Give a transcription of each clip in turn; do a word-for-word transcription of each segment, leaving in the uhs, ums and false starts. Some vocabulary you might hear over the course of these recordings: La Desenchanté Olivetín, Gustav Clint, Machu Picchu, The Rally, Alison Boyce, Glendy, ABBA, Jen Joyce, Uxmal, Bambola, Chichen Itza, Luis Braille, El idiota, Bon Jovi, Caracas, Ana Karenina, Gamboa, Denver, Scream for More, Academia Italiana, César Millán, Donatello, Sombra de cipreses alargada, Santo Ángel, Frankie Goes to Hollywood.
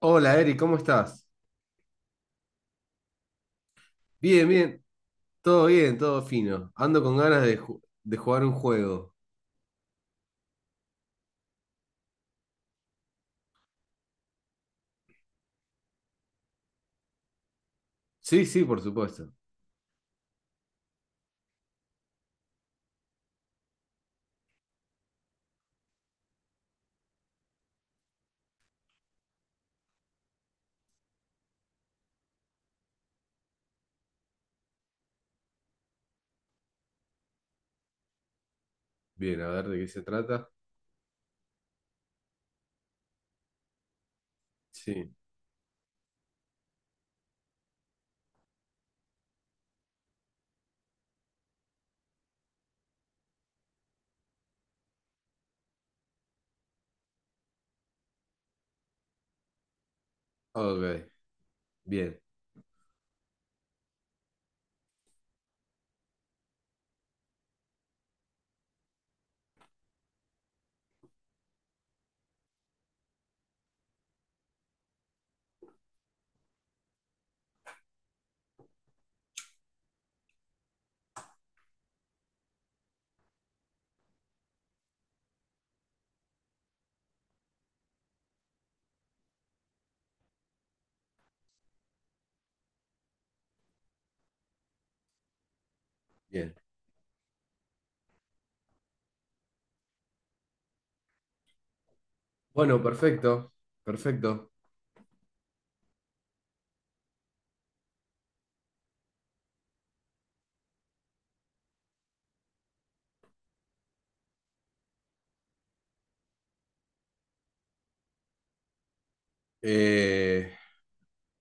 Hola, Eri, ¿cómo estás? Bien, bien, todo bien, todo fino. Ando con ganas de, ju- de jugar un juego. Sí, sí, por supuesto. Bien, a ver de qué se trata. Sí, ok, bien, bien. Bueno, perfecto, perfecto. Eh,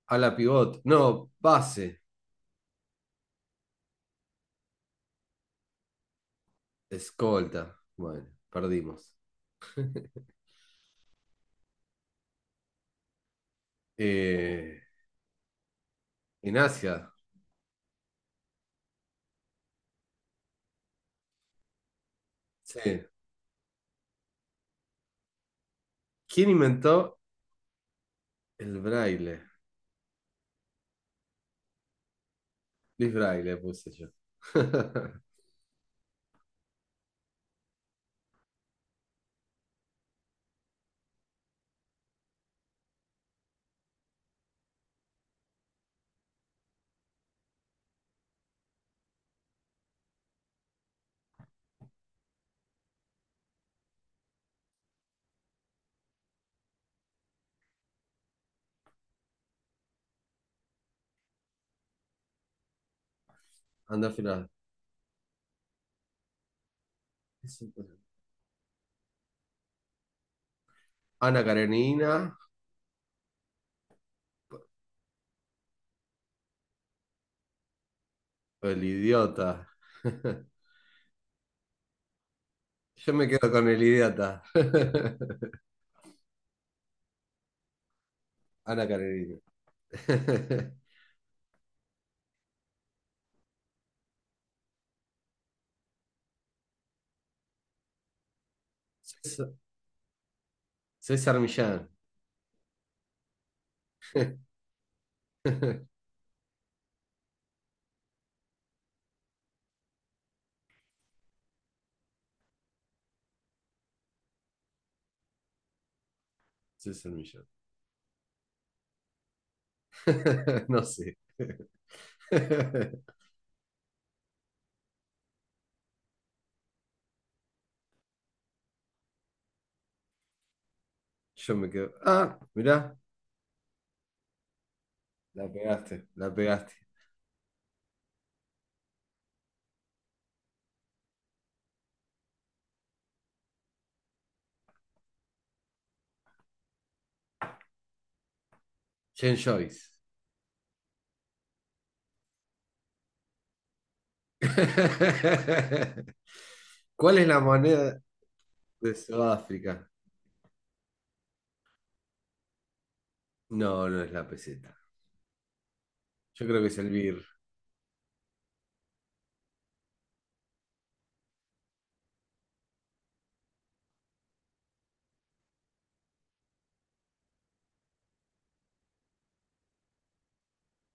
a la pivot, no, pase, escolta. Bueno, perdimos. Eh, en Asia, sí. ¿Quién inventó el braille? Luis Braille, puse yo. Anda a Ana Karenina o el idiota. Yo me quedo con el idiota. Ana Karenina. César, César Millán. César Millán. No sé. Yo me quedo. Ah, mirá, la pegaste, la pegaste. Jen Joyce. ¿Cuál es la moneda de Sudáfrica? No, no es la peseta. Yo creo que es el BIR.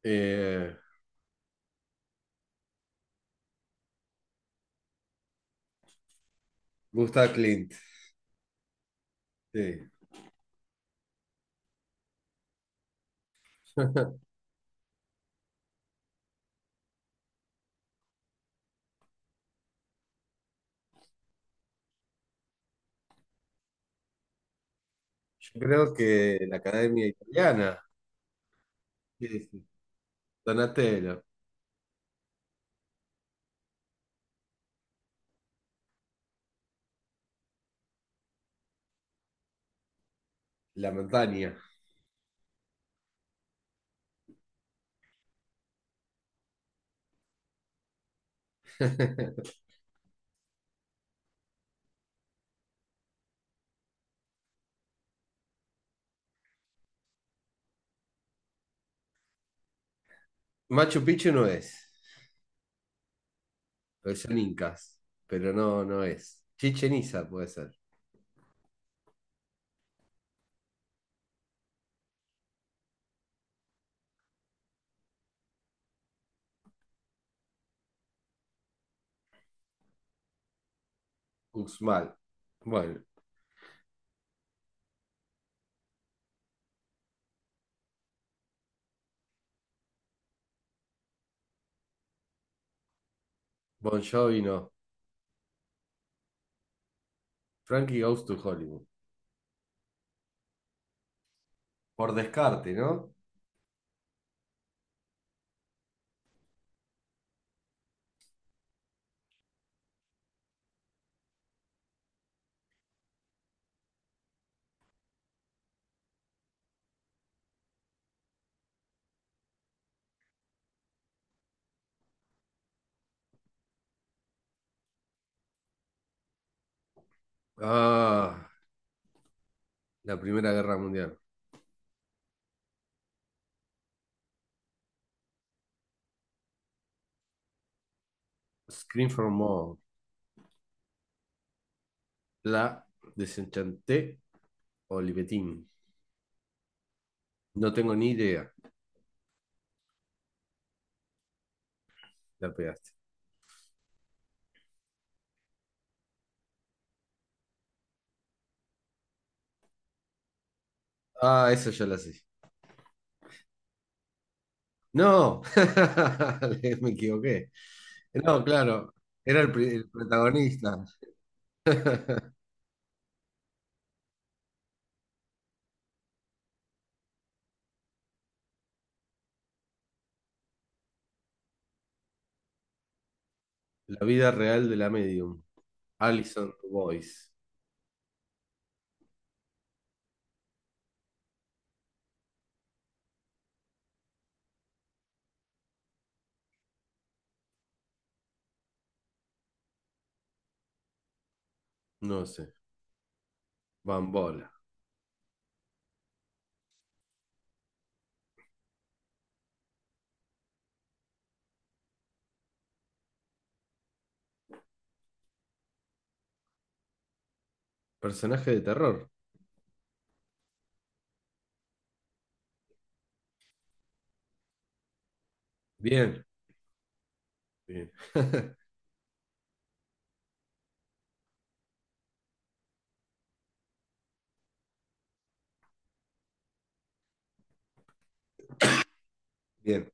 Eh, Gustav Clint. Sí. Yo creo que la Academia Italiana, sí, sí. Donatello, la montaña. Machu Picchu no es, pues son incas, pero no, no es. Chichen Itza puede ser. Uxmal. Bueno, Bon Jovi no. Frankie Goes to Hollywood. Por descarte, ¿no? Ah, la Primera Guerra Mundial. Scream for More. La Desenchanté Olivetín. No tengo ni idea. La pegaste. Ah, eso ya la sé. No, me equivoqué. No, claro, era el, pri- el protagonista. La vida real de la medium. Alison Boyce. No sé. Bambola. Personaje de terror. Bien, bien. Bien,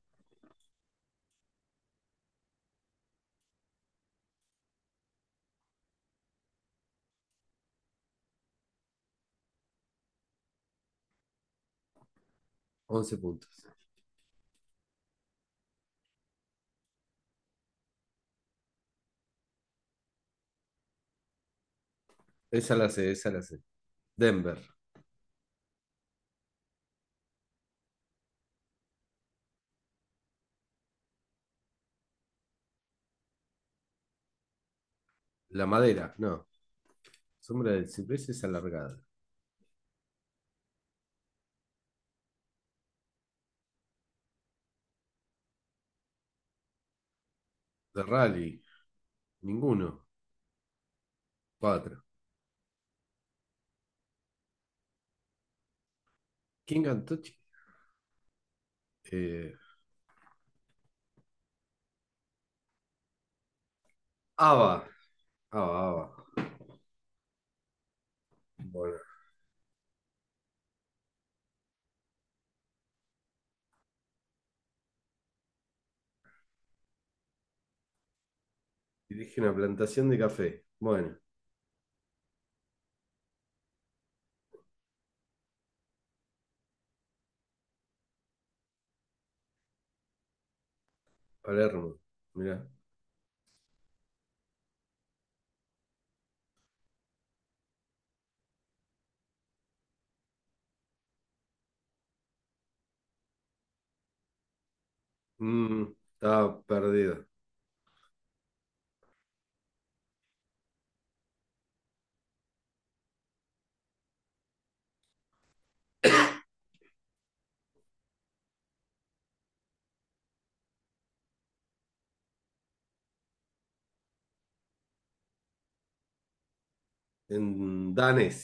once puntos. Esa la sé, esa la sé. Denver. La madera, no. Sombra de cipreses alargada. The Rally, ninguno. Cuatro. ¿Quién cantó? Chi- Eh, ABBA. ABBA, ABBA. Bueno, dirige una plantación de café. Bueno, Palermo. Mirá. Mm, estaba perdido. En danés.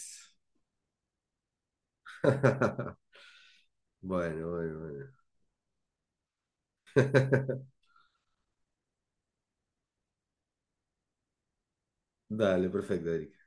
Bueno, bueno, bueno. Dale, perfecto, Eric.